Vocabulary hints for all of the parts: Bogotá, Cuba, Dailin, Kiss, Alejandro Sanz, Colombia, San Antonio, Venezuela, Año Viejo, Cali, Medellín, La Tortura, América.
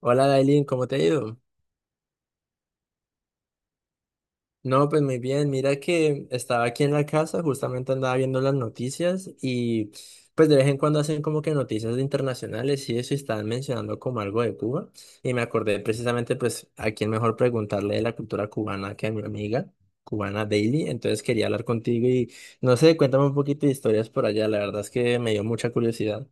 Hola, Dailin, ¿cómo te ha ido? No, pues muy bien. Mira que estaba aquí en la casa, justamente andaba viendo las noticias y pues de vez en cuando hacen como que noticias internacionales y eso y estaban mencionando como algo de Cuba y me acordé precisamente pues a quién mejor preguntarle de la cultura cubana que a mi amiga cubana Daily. Entonces quería hablar contigo y no sé, cuéntame un poquito de historias por allá. La verdad es que me dio mucha curiosidad.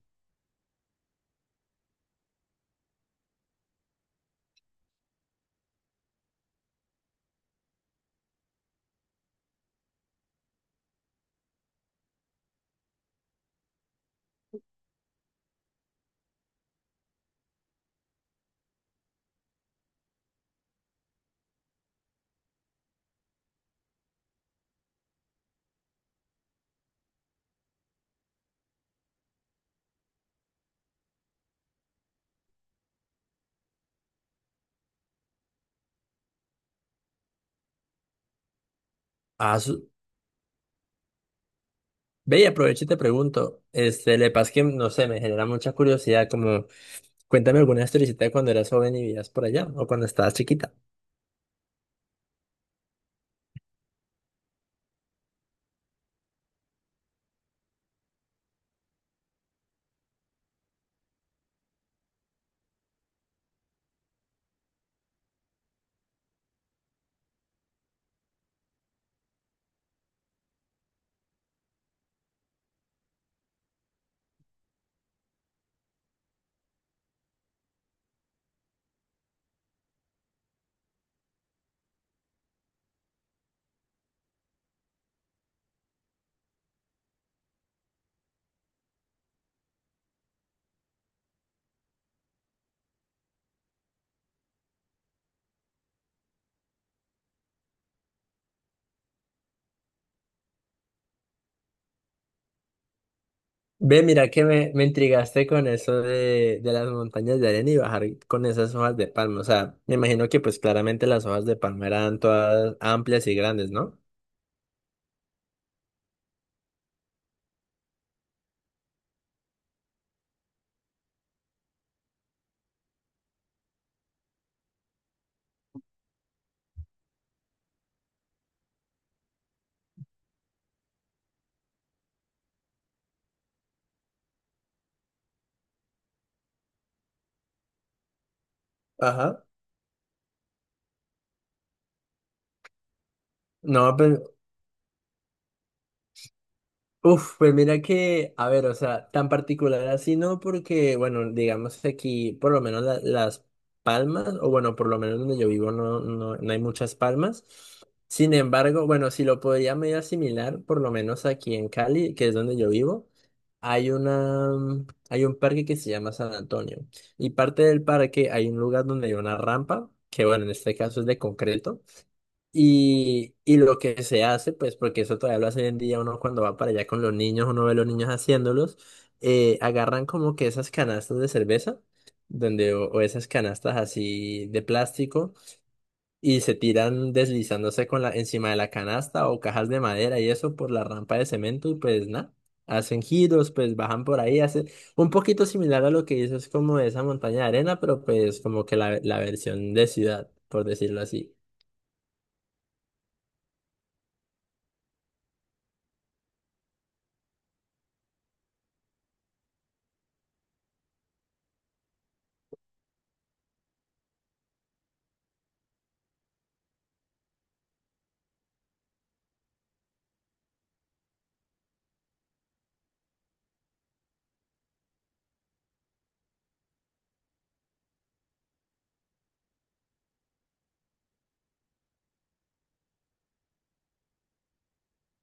Ve y aprovecho y te pregunto, este, le pasa que, no sé, me genera mucha curiosidad, como, cuéntame alguna historicita de cuando eras joven y vivías por allá, o cuando estabas chiquita. Ve, mira que me intrigaste con eso de las montañas de arena y bajar con esas hojas de palma, o sea, me imagino que pues claramente las hojas de palma eran todas amplias y grandes, ¿no? Ajá. No, pues uf, pues mira que, a ver, o sea, tan particular así no, porque, bueno, digamos que aquí, por lo menos las palmas, o bueno, por lo menos donde yo vivo no hay muchas palmas. Sin embargo, bueno, si lo podría medio asimilar, por lo menos aquí en Cali, que es donde yo vivo, hay una, hay un parque que se llama San Antonio. Y parte del parque hay un lugar donde hay una rampa, que bueno, en este caso es de concreto. Y lo que se hace, pues porque eso todavía lo hace hoy en día uno cuando va para allá con los niños, uno ve a los niños haciéndolos, agarran como que esas canastas de cerveza, donde, o esas canastas así de plástico, y se tiran deslizándose con la, encima de la canasta o cajas de madera y eso por la rampa de cemento, y pues nada, hacen giros, pues bajan por ahí, hacen un poquito similar a lo que hizo es como esa montaña de arena, pero pues como que la versión de ciudad, por decirlo así.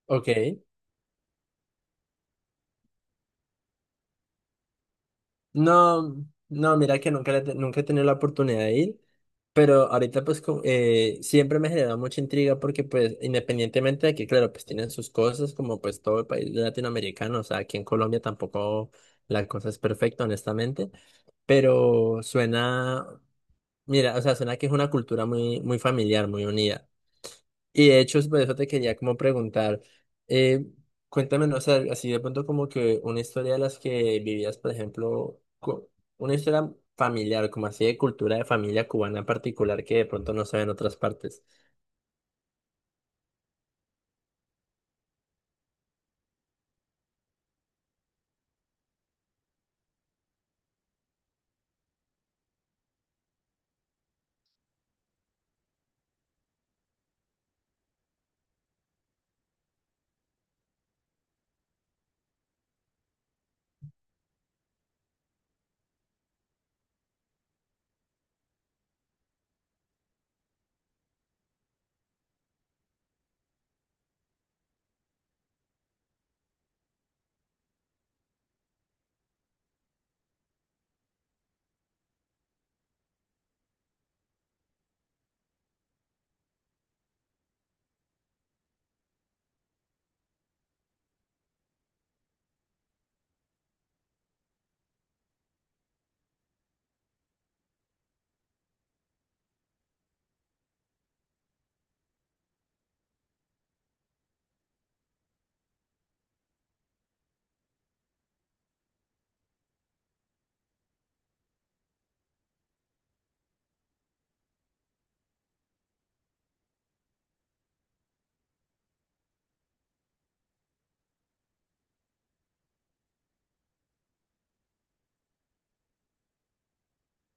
Ok. No, no, mira que nunca, nunca he tenido la oportunidad de ir, pero ahorita pues siempre me genera mucha intriga porque pues independientemente de que claro, pues tienen sus cosas como pues todo el país latinoamericano, o sea, aquí en Colombia tampoco la cosa es perfecta, honestamente, pero suena, mira, o sea, suena que es una cultura muy, muy familiar, muy unida. Y de hecho, por eso te quería como preguntar, eh, cuéntame, no sé, así de pronto como que una historia de las que vivías, por ejemplo, una historia familiar, como así de cultura de familia cubana en particular que de pronto no se ve en otras partes.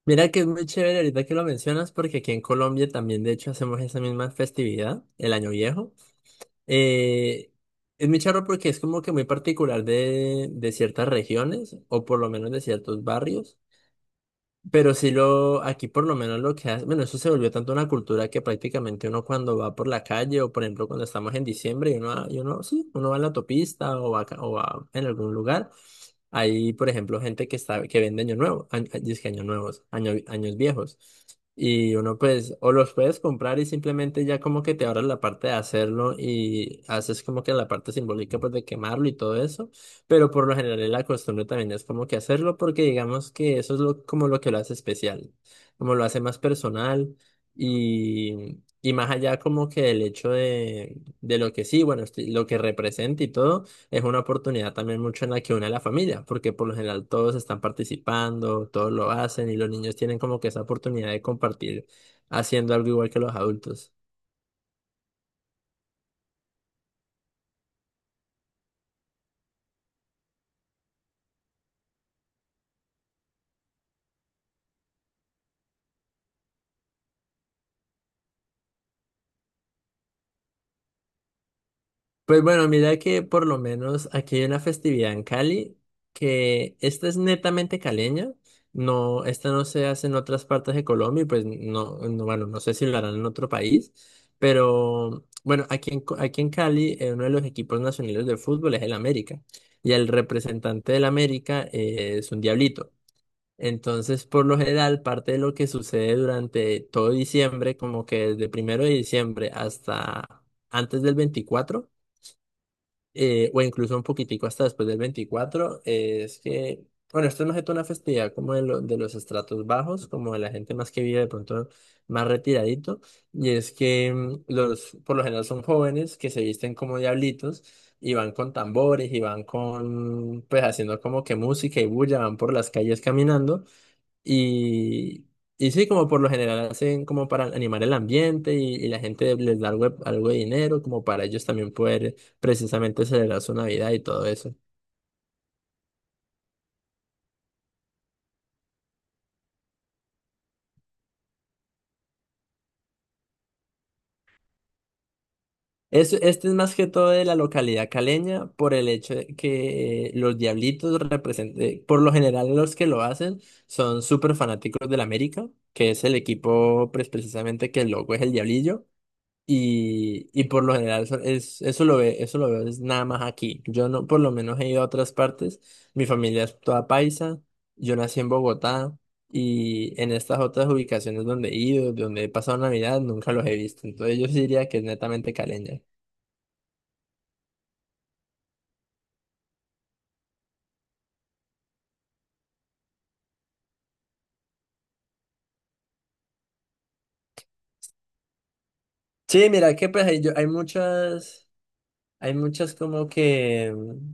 Mira que es muy chévere ahorita que lo mencionas porque aquí en Colombia también de hecho hacemos esa misma festividad, el Año Viejo. Eh, es muy charro porque es como que muy particular de ciertas regiones o por lo menos de ciertos barrios. Pero si lo, aquí por lo menos lo que hace, bueno, eso se volvió tanto una cultura que prácticamente uno cuando va por la calle o por ejemplo cuando estamos en diciembre y uno, sí, uno va en la autopista o va, o va en algún lugar, hay por ejemplo gente que está, que vende año nuevo, año, que años nuevos, año- años viejos. Y uno pues, o los puedes comprar y simplemente ya como que te ahorras la parte de hacerlo y haces como que la parte simbólica pues de quemarlo y todo eso. Pero por lo general la costumbre también es como que hacerlo porque digamos que eso es lo, como lo que lo hace especial, como lo hace más personal y más allá como que el hecho de lo que sí, bueno, lo que representa y todo, es una oportunidad también mucho en la que une a la familia, porque por lo general todos están participando, todos lo hacen y los niños tienen como que esa oportunidad de compartir haciendo algo igual que los adultos. Pues bueno, mira que por lo menos aquí hay una festividad en Cali que esta es netamente caleña. No, esta no se hace en otras partes de Colombia y pues bueno, no sé si lo harán en otro país, pero bueno, aquí en, aquí en Cali, uno de los equipos nacionales de fútbol es el América y el representante del América, es un diablito. Entonces, por lo general, parte de lo que sucede durante todo diciembre, como que desde primero de diciembre hasta antes del veinticuatro, o incluso un poquitico hasta después del veinticuatro, es que, bueno, esto es más que toda una festividad como de, de los estratos bajos, como de la gente más que vive de pronto más retiradito, y es que por lo general son jóvenes que se visten como diablitos y van con tambores y van con, pues haciendo como que música y bulla, van por las calles caminando. Y, y sí, como por lo general hacen como para animar el ambiente y la gente les da algo, algo de dinero como para ellos también poder precisamente celebrar su Navidad y todo eso. Este es más que todo de la localidad caleña por el hecho de que, los diablitos representen, por lo general los que lo hacen son súper fanáticos del América, que es el equipo pues, precisamente que el logo es el diablillo. Y por lo general eso, es, eso lo ve, eso lo veo es nada más aquí. Yo no, por lo menos he ido a otras partes. Mi familia es toda paisa. Yo nací en Bogotá y en estas otras ubicaciones donde he ido, donde he pasado Navidad, nunca los he visto. Entonces yo sí diría que es netamente caleña. Sí, mira que pues hay, yo, hay muchas. Hay muchas como que,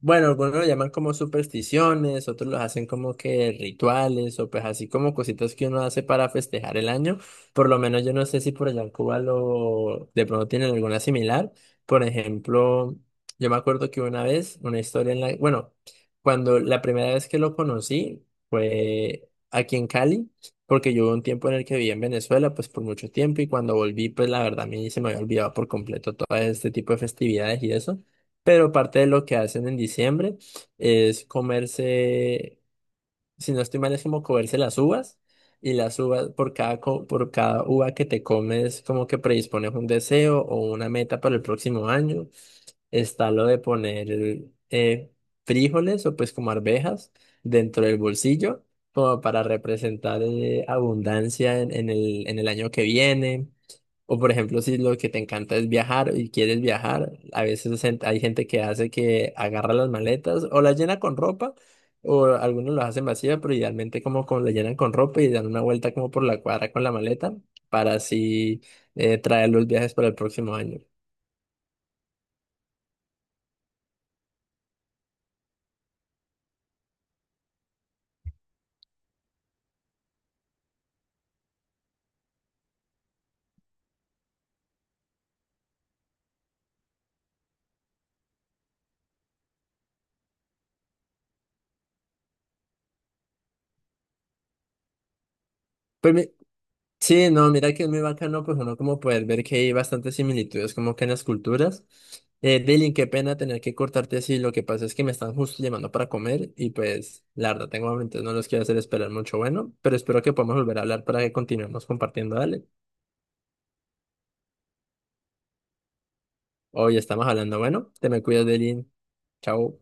bueno, algunos lo llaman como supersticiones, otros los hacen como que rituales o pues así como cositas que uno hace para festejar el año. Por lo menos yo no sé si por allá en Cuba lo de pronto tienen alguna similar. Por ejemplo, yo me acuerdo que una vez, una historia en la, bueno, cuando la primera vez que lo conocí fue aquí en Cali porque yo hubo un tiempo en el que viví en Venezuela, pues por mucho tiempo, y cuando volví, pues la verdad a mí se me había olvidado por completo todo este tipo de festividades y eso. Pero parte de lo que hacen en diciembre es comerse, si no estoy mal, es como comerse las uvas, y las uvas, por cada, por cada uva que te comes, como que predispones un deseo o una meta para el próximo año. Está lo de poner, eh, frijoles o pues como arvejas dentro del bolsillo, como para representar, abundancia en el año que viene. O por ejemplo, si lo que te encanta es viajar y quieres viajar, a veces hay gente que hace que agarra las maletas o las llena con ropa, o algunos las hacen vacía, pero idealmente como, como la llenan con ropa y dan una vuelta como por la cuadra con la maleta para así, traer los viajes para el próximo año. Pues sí, no, mira que es muy bacano, pues uno como poder ver que hay bastantes similitudes como que en las culturas. Dylan, qué pena tener que cortarte así, lo que pasa es que me están justo llamando para comer y pues la verdad tengo hambre, entonces no los quiero hacer esperar mucho, bueno, pero espero que podamos volver a hablar para que continuemos compartiendo, dale. Hoy estamos hablando, bueno, te me cuidas, Dylan, chao.